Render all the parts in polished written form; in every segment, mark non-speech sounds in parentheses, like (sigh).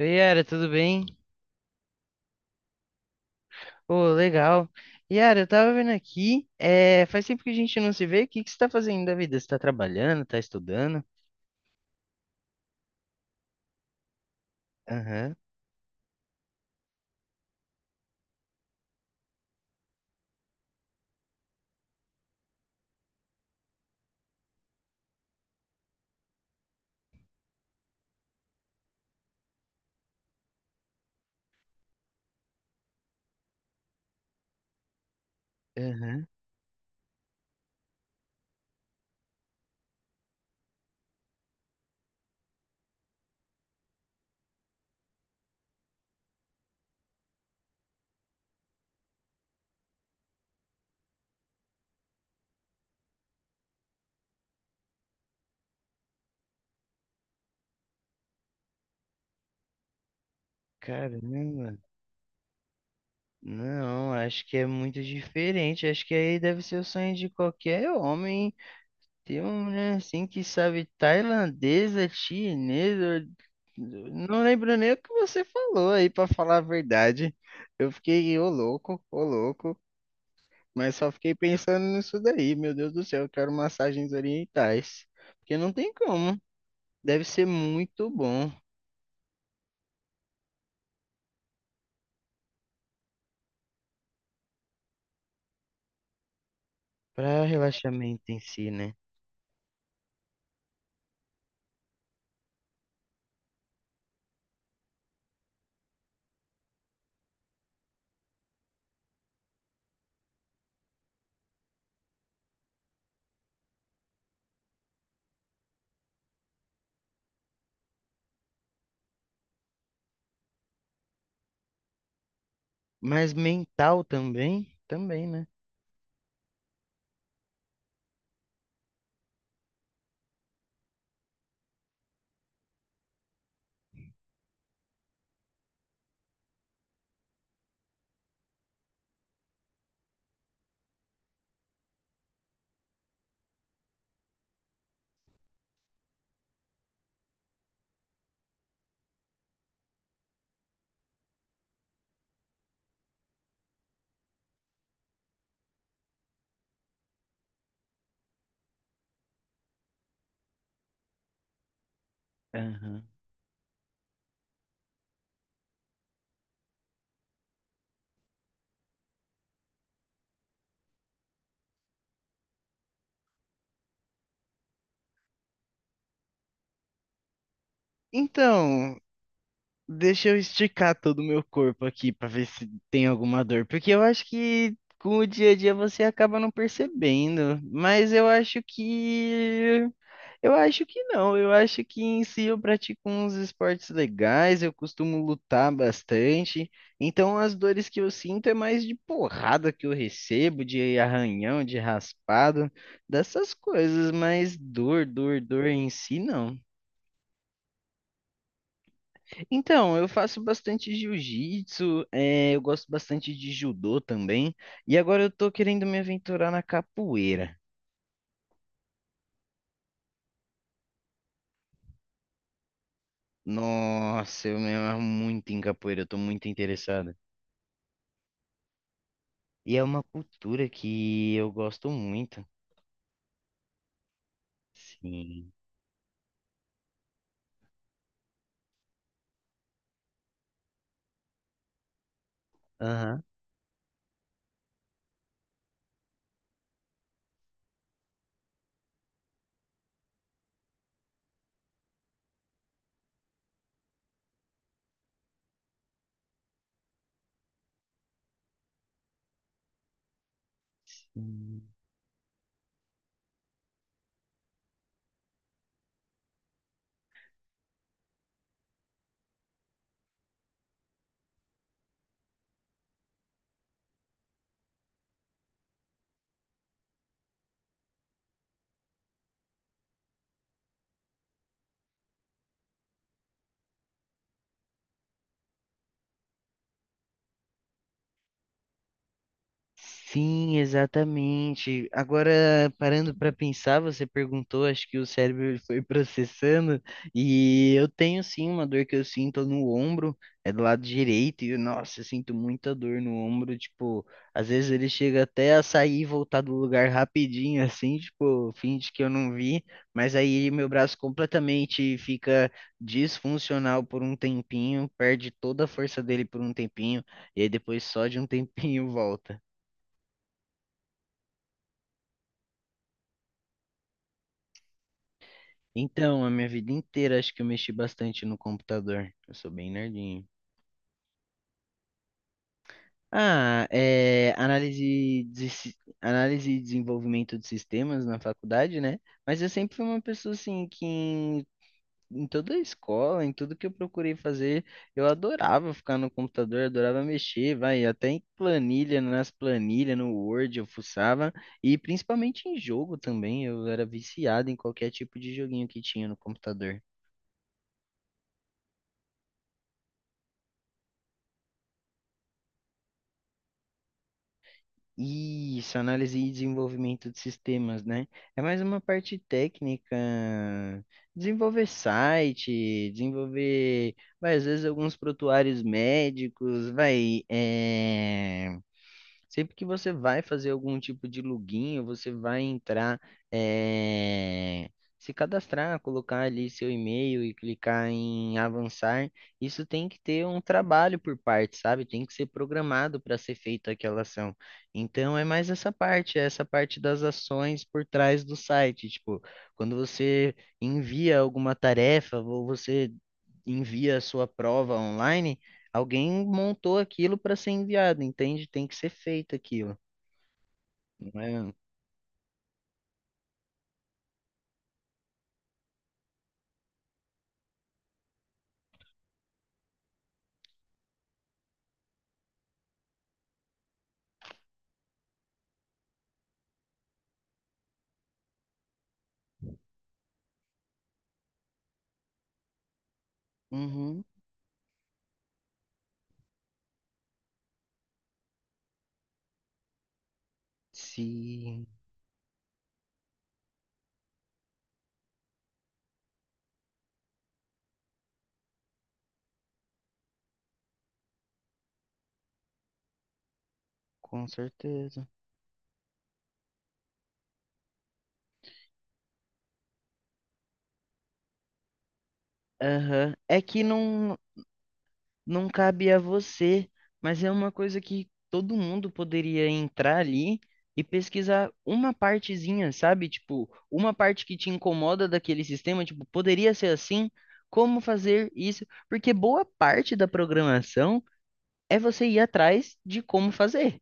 Oi, Yara, tudo bem? Ô, legal. Yara, eu tava vendo aqui, faz tempo que a gente não se vê, o que que você tá fazendo da vida? Você tá trabalhando, tá estudando? Aham, aham. Caramba. Não, acho que é muito diferente, acho que aí deve ser o sonho de qualquer homem, ter uma mulher assim que sabe tailandesa, chinesa, não lembro nem o que você falou aí, pra falar a verdade. Eu fiquei, ô louco, ô louco. Mas só fiquei pensando nisso daí, meu Deus do céu, eu quero massagens orientais. Porque não tem como. Deve ser muito bom para relaxamento em si, né? Mas mental também? Também, né? Aham. Então, deixa eu esticar todo o meu corpo aqui pra ver se tem alguma dor, porque eu acho que com o dia a dia você acaba não percebendo, mas eu acho que não, eu acho que em si eu pratico uns esportes legais, eu costumo lutar bastante, então as dores que eu sinto é mais de porrada que eu recebo, de arranhão, de raspado, dessas coisas, mas dor, dor, dor em si não. Então, eu faço bastante jiu-jitsu, eu gosto bastante de judô também, e agora eu tô querendo me aventurar na capoeira. Nossa, eu me amo muito em capoeira, eu tô muito interessado. E é uma cultura que eu gosto muito. Sim. Aham. Sim, exatamente. Agora, parando para pensar, você perguntou, acho que o cérebro ele foi (laughs) processando, e eu tenho sim uma dor que eu sinto no ombro, é do lado direito, e nossa, eu sinto muita dor no ombro, tipo, às vezes ele chega até a sair e voltar do lugar rapidinho, (laughs) assim, tipo, finge que eu não vi, mas aí meu braço completamente fica disfuncional por um tempinho, perde toda a força dele por um tempinho, e aí depois só de um (laughs) tempinho volta. Então, a minha vida inteira acho que eu mexi bastante no computador. Eu sou bem nerdinho. Ah, é, análise e desenvolvimento de sistemas na faculdade, né? Mas eu sempre fui uma pessoa assim que em toda a escola, em tudo que eu procurei fazer, eu adorava ficar no computador, adorava mexer, vai, até em planilha, nas planilhas, no Word eu fuçava, e principalmente em jogo também, eu era viciado em qualquer tipo de joguinho que tinha no computador. Isso, análise e desenvolvimento de sistemas, né? É mais uma parte técnica, desenvolver site, desenvolver, vai, às vezes alguns prontuários médicos, vai, sempre que você vai fazer algum tipo de login, ou você vai entrar, eh, se cadastrar, colocar ali seu e-mail e clicar em avançar, isso tem que ter um trabalho por parte, sabe? Tem que ser programado para ser feita aquela ação. Então é mais essa parte, é essa parte das ações por trás do site. Tipo, quando você envia alguma tarefa ou você envia a sua prova online, alguém montou aquilo para ser enviado, entende? Tem que ser feito aquilo, não é? Uhum. Sim, com certeza. Aham. É que não, não cabe a você, mas é uma coisa que todo mundo poderia entrar ali e pesquisar uma partezinha, sabe? Tipo, uma parte que te incomoda daquele sistema, tipo, poderia ser assim, como fazer isso? Porque boa parte da programação é você ir atrás de como fazer.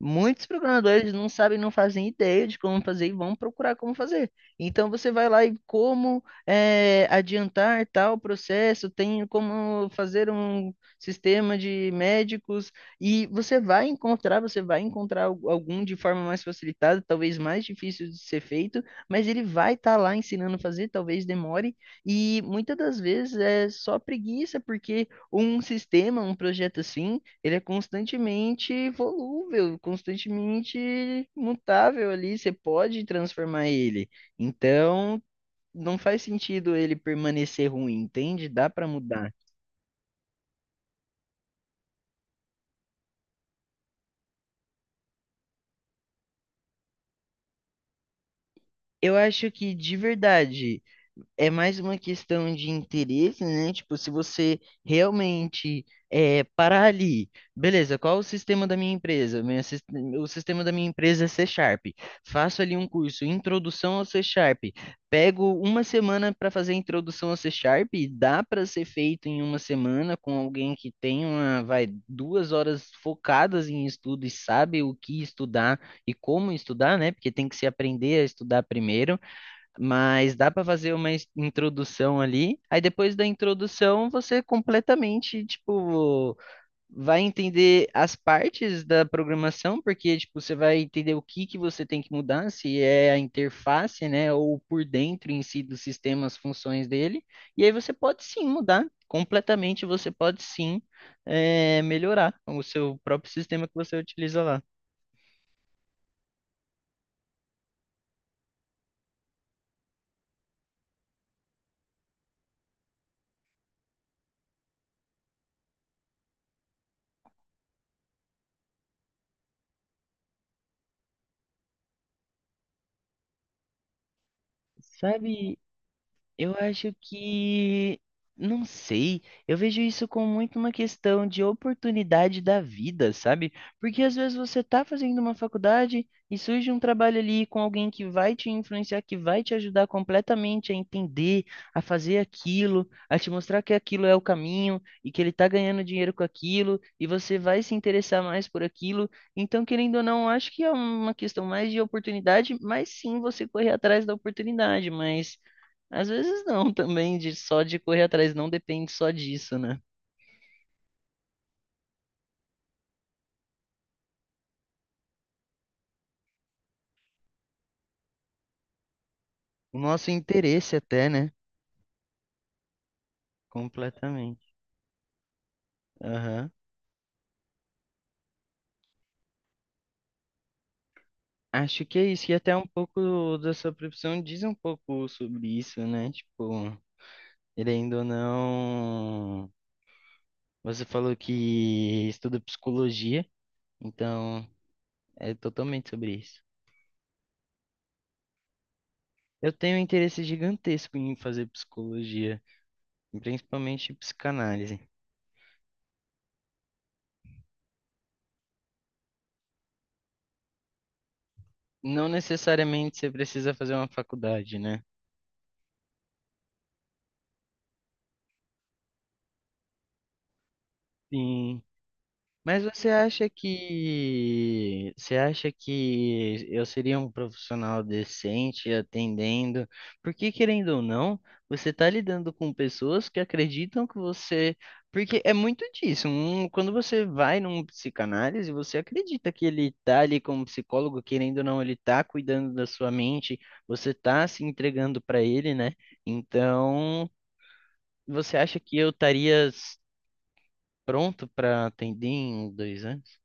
Muitos programadores não sabem, não fazem ideia de como fazer e vão procurar como fazer. Então você vai lá e como adiantar tal processo, tem como fazer um sistema de médicos e você vai encontrar algum de forma mais facilitada, talvez mais difícil de ser feito, mas ele vai estar lá ensinando a fazer, talvez demore e muitas das vezes é só preguiça porque um sistema, um projeto assim ele é constantemente volúvel, constantemente mutável ali, você pode transformar ele. Então, não faz sentido ele permanecer ruim, entende? Dá para mudar. Eu acho que de verdade é mais uma questão de interesse, né? Tipo, se você realmente parar ali, beleza, qual o sistema da minha empresa? O sistema da minha empresa é C Sharp. Faço ali um curso, introdução ao C Sharp. Pego uma semana para fazer a introdução ao C Sharp, e dá para ser feito em uma semana com alguém que tem uma, vai, 2 horas focadas em estudo e sabe o que estudar e como estudar, né? Porque tem que se aprender a estudar primeiro. Mas dá para fazer uma introdução ali. Aí depois da introdução, você completamente, tipo, vai entender as partes da programação, porque tipo, você vai entender o que que você tem que mudar, se é a interface, né, ou por dentro em si do sistema, as funções dele. E aí você pode sim mudar completamente, você pode sim melhorar o seu próprio sistema que você utiliza lá. Sabe, eu acho que não sei. Eu vejo isso como muito uma questão de oportunidade da vida, sabe? Porque às vezes você tá fazendo uma faculdade e surge um trabalho ali com alguém que vai te influenciar, que vai te ajudar completamente a entender, a fazer aquilo, a te mostrar que aquilo é o caminho e que ele tá ganhando dinheiro com aquilo e você vai se interessar mais por aquilo. Então, querendo ou não, acho que é uma questão mais de oportunidade, mas sim você correr atrás da oportunidade, mas às vezes não, também, de só de correr atrás, não depende só disso, né? O nosso interesse até, né? Completamente. Aham. Acho que é isso. E até um pouco da sua profissão diz um pouco sobre isso, né? Tipo, querendo ou não, você falou que estuda psicologia, então é totalmente sobre isso. Eu tenho um interesse gigantesco em fazer psicologia, principalmente psicanálise. Não necessariamente você precisa fazer uma faculdade, né? Sim, mas você acha que eu seria um profissional decente atendendo? Porque querendo ou não, você está lidando com pessoas que acreditam que você, porque é muito disso. Quando você vai num psicanálise, você acredita que ele está ali como psicólogo, querendo ou não, ele está cuidando da sua mente, você está se entregando para ele, né? Então, você acha que eu estaria pronto para atender em 2 anos?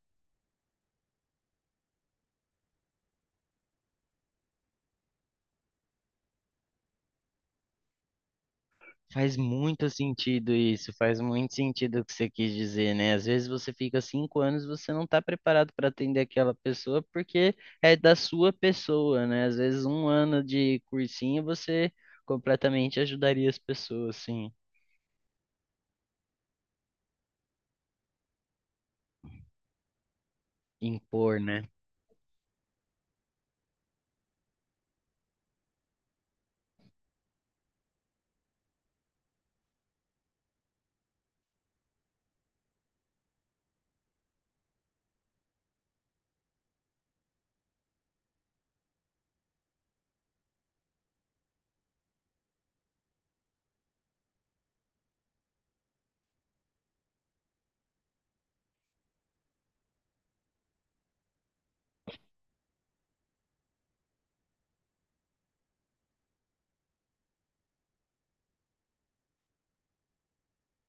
Faz muito sentido isso, faz muito sentido o que você quis dizer, né? Às vezes você fica 5 anos, você não está preparado para atender aquela pessoa porque é da sua pessoa, né? Às vezes um ano de cursinho você completamente ajudaria as pessoas, assim, impor, né?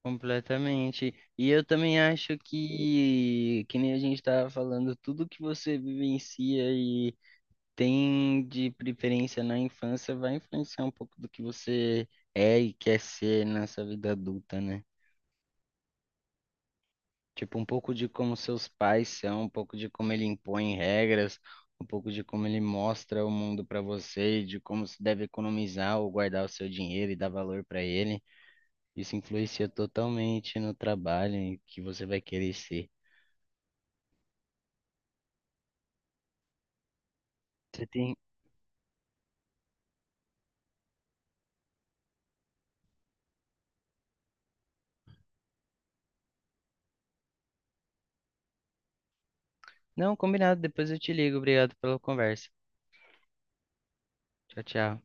Completamente. E eu também acho que nem a gente estava falando, tudo que você vivencia e tem de preferência na infância vai influenciar um pouco do que você é e quer ser nessa vida adulta, né? Tipo, um pouco de como seus pais são, um pouco de como ele impõe regras, um pouco de como ele mostra o mundo para você, de como se deve economizar ou guardar o seu dinheiro e dar valor para ele. Isso influencia totalmente no trabalho e que você vai querer ser. Você tem... Não, combinado. Depois eu te ligo. Obrigado pela conversa. Tchau, tchau.